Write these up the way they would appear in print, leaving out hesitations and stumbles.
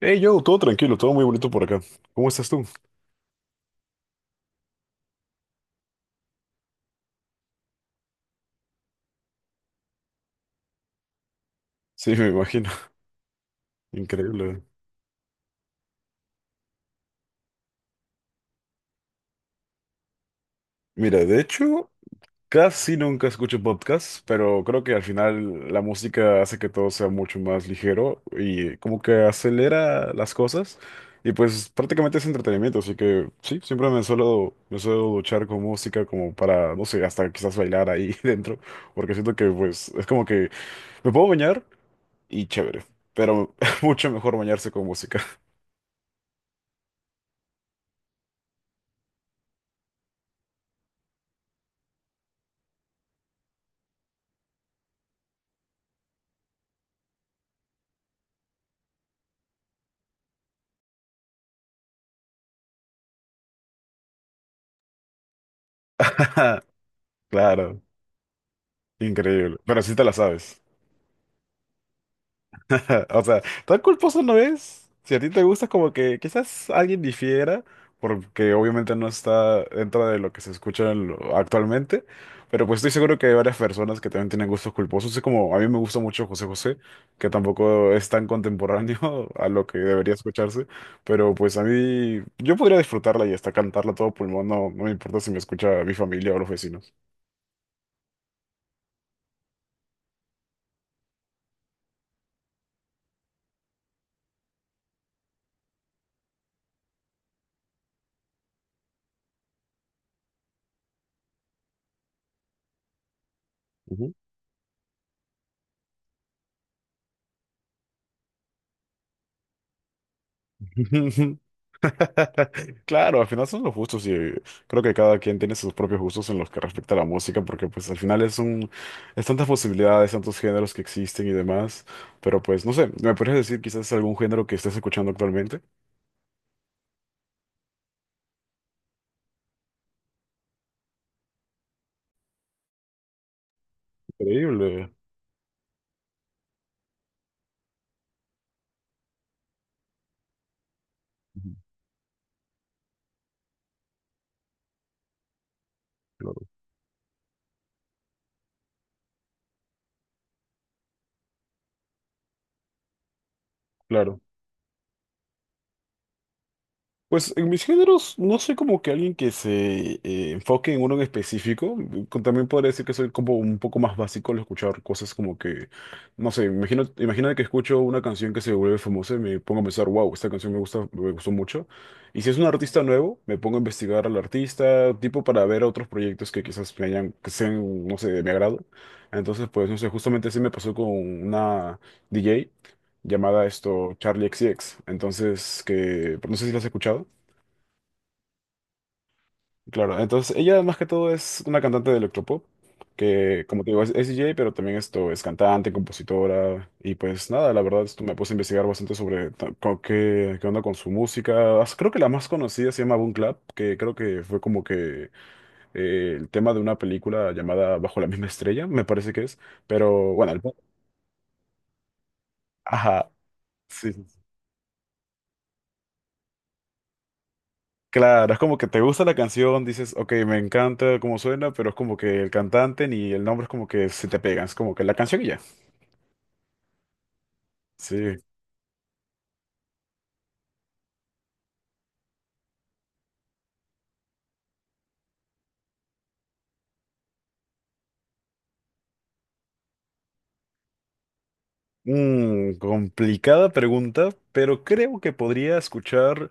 Hey, yo, todo tranquilo, todo muy bonito por acá. ¿Cómo estás tú? Sí, me imagino. Increíble. Mira, de hecho, casi nunca escucho podcasts, pero creo que al final la música hace que todo sea mucho más ligero y como que acelera las cosas. Y pues prácticamente es entretenimiento, así que sí, siempre me suelo duchar con música como para, no sé, hasta quizás bailar ahí dentro, porque siento que pues es como que me puedo bañar y chévere, pero mucho mejor bañarse con música. Claro. Increíble, pero sí te la sabes. O sea, tan culposo no es. Si a ti te gusta, como que quizás alguien difiera, porque obviamente no está dentro de lo que se escucha actualmente, pero pues estoy seguro que hay varias personas que también tienen gustos culposos. Es como a mí me gusta mucho José José, que tampoco es tan contemporáneo a lo que debería escucharse, pero pues a mí yo podría disfrutarla y hasta cantarla a todo pulmón, no, no me importa si me escucha mi familia o los vecinos. Ujú. Claro, al final son los gustos y creo que cada quien tiene sus propios gustos en los que respecta a la música, porque pues al final es tantas posibilidades, tantos géneros que existen y demás, pero pues no sé, ¿me podrías decir quizás algún género que estés escuchando actualmente? Increíble. Ujú. Claro. Claro. Pues en mis géneros no soy como que alguien que se enfoque en uno en específico. También podría decir que soy como un poco más básico al escuchar cosas como que, no sé, imagina que escucho una canción que se vuelve famosa y me pongo a pensar, wow, esta canción me gusta, me gustó mucho. Y si es un artista nuevo, me pongo a investigar al artista, tipo para ver otros proyectos que quizás me hayan, que sean, no sé, de mi agrado. Entonces, pues, no sé, justamente así me pasó con una DJ llamada esto Charlie XCX. Entonces, que, no sé si la has escuchado. Claro, entonces ella más que todo es una cantante de electropop, que como te digo es DJ. Pero también esto es cantante, compositora, y pues nada, la verdad esto me puse a investigar bastante sobre qué onda con su música. Creo que la más conocida se llama Boom Clap, que creo que fue como que el tema de una película llamada Bajo la misma estrella, me parece que es, pero bueno, el... Ajá, sí. Sí, sí. Claro, es como que te gusta la canción, dices, ok, me encanta cómo suena, pero es como que el cantante ni el nombre es como que se te pegan, es como que la canción y ya. Sí. Mm, complicada pregunta, pero creo que podría escuchar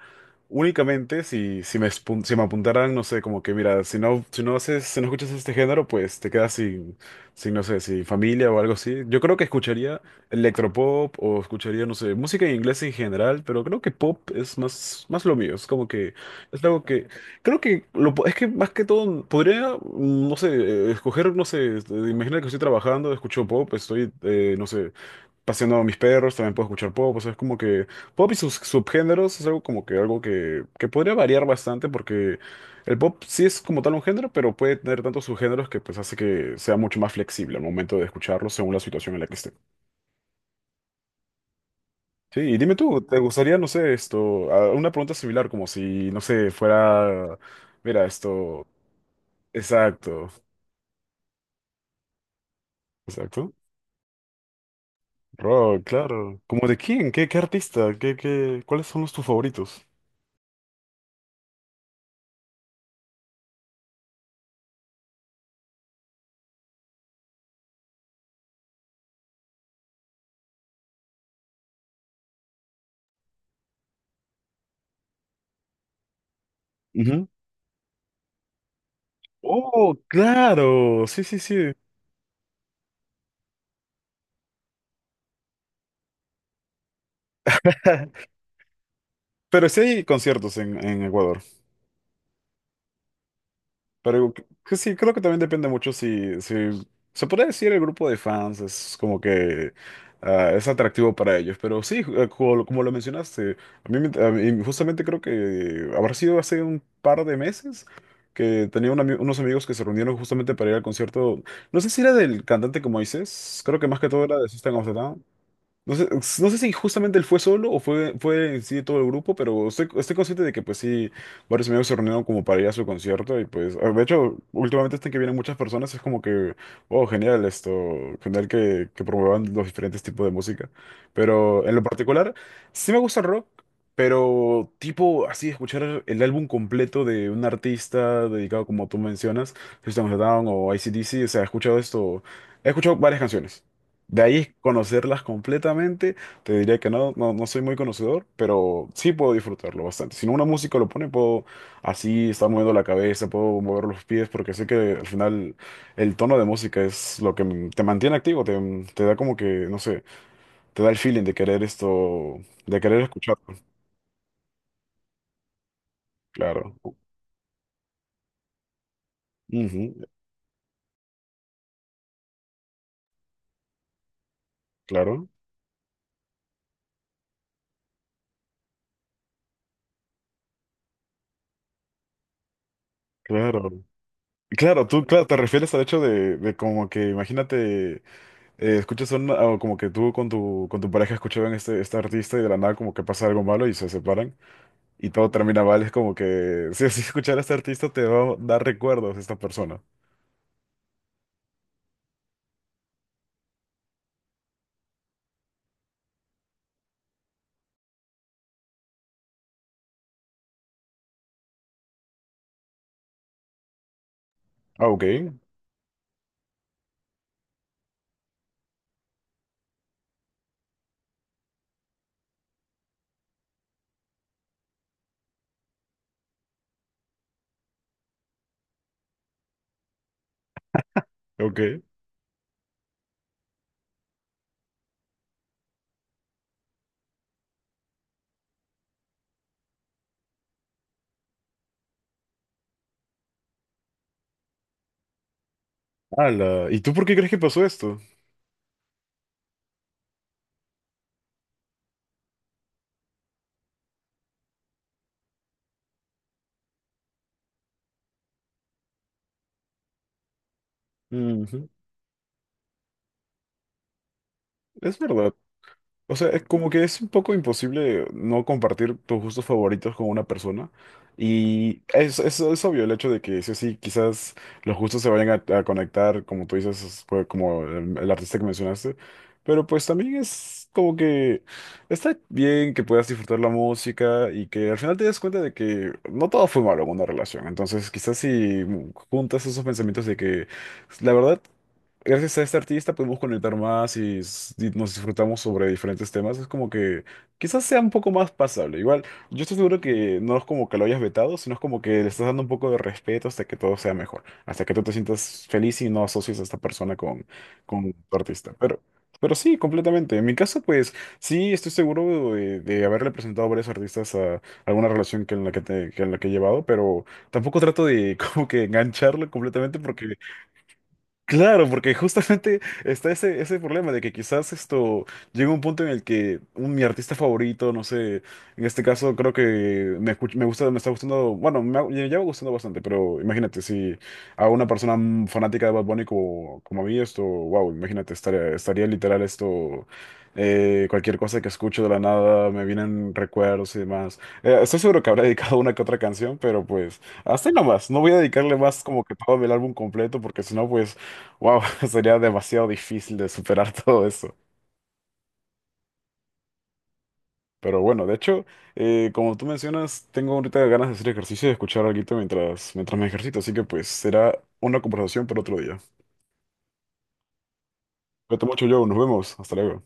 únicamente si me, si me apuntaran, no sé, como que mira, si no haces, si no escuchas este género, pues te quedas sin, no sé, sin familia o algo así. Yo creo que escucharía electropop o escucharía, no sé, música en inglés en general, pero creo que pop es más lo mío. Es como que, es algo que, creo que, es que más que todo, podría, mm, no sé, escoger, no sé, este, imagina que estoy trabajando, escucho pop, estoy, no sé paseando a mis perros, también puedo escuchar pop, o sea, es como que pop y sus subgéneros es algo como que algo que podría variar bastante porque el pop sí es como tal un género, pero puede tener tantos subgéneros que pues hace que sea mucho más flexible al momento de escucharlo según la situación en la que esté. Sí, y dime tú, ¿te gustaría, no sé, esto, una pregunta similar como si, no sé, fuera, mira, esto, exacto, exacto. Rock, claro. ¿Como de quién? ¿Qué, qué artista? ¿Cuáles son los tus favoritos? Oh, claro, sí, sí, sí. Pero sí hay conciertos en Ecuador. Que sí, creo que también depende mucho si se puede decir el grupo de fans es como que es atractivo para ellos. Pero sí, como, como lo mencionaste, a mí justamente creo que habrá sido hace un par de meses que tenía unos amigos que se reunieron justamente para ir al concierto. No sé si era del cantante como dices, creo que más que todo era de System of a Down. No sé, no sé si justamente él fue solo o fue en sí todo el grupo, pero estoy, estoy consciente de que pues sí, varios amigos se reunieron como para ir a su concierto y pues, ah, de hecho, últimamente hasta que vienen muchas personas es como que, oh, genial esto, genial que promuevan los diferentes tipos de música. Pero en lo particular, sí me gusta el rock, pero tipo así, escuchar el álbum completo de un artista dedicado como tú mencionas, System of a Down o AC/DC, o sea, he escuchado esto, he escuchado varias canciones. De ahí conocerlas completamente, te diría que no, no soy muy conocedor, pero sí puedo disfrutarlo bastante. Si no una música lo pone, puedo así estar moviendo la cabeza, puedo mover los pies, porque sé que al final el tono de música es lo que te mantiene activo, te da como que, no sé, te da el feeling de querer esto, de querer escucharlo. Claro. Ujú, claro, claro. Claro, tú, claro, te refieres al hecho de como que, imagínate. Escuchas o como que tú con tu pareja escuchaban este, este artista y de la nada como que pasa algo malo y se separan y todo termina mal. Es como que si así escuchar a este artista te va a dar recuerdos de esta persona. Ah, ok, ok. Ala, ¿y tú por qué crees que pasó esto? Ujú. Es verdad. O sea, es como que es un poco imposible no compartir tus gustos favoritos con una persona. Y es obvio el hecho de que sí o sí, quizás los gustos se vayan a conectar, como tú dices, es, pues, como el artista que mencionaste. Pero pues también es como que está bien que puedas disfrutar la música y que al final te des cuenta de que no todo fue malo en una relación. Entonces, quizás si juntas esos pensamientos de que la verdad gracias a este artista pudimos conectar más y nos disfrutamos sobre diferentes temas. Es como que quizás sea un poco más pasable. Igual, yo estoy seguro que no es como que lo hayas vetado, sino es como que le estás dando un poco de respeto hasta que todo sea mejor, hasta que tú te sientas feliz y no asocies a esta persona con tu artista. Pero sí, completamente. En mi caso, pues sí, estoy seguro de haberle presentado a varios artistas a alguna relación que en la que, que en la que he llevado, pero tampoco trato de como que engancharlo completamente porque... Claro, porque justamente está ese problema de que quizás esto llega un punto en el que mi artista favorito, no sé, en este caso creo que me, me gusta, me está gustando, bueno, me, me lleva gustando bastante, pero imagínate si a una persona mm, fanática de Bad Bunny como, como a mí, esto, wow, imagínate, estaría literal esto, cualquier cosa que escucho de la nada, me vienen recuerdos y demás. Estoy seguro que habrá dedicado una que otra canción, pero pues... Hasta ahí nomás, no voy a dedicarle más como que todo el álbum completo, porque si no, pues wow, sería demasiado difícil de superar todo eso. Pero bueno, de hecho, como tú mencionas, tengo ahorita ganas de hacer ejercicio y de escuchar algo mientras, mientras me ejercito, así que pues será una conversación para otro día. Cuídate mucho, Joe, nos vemos, hasta luego.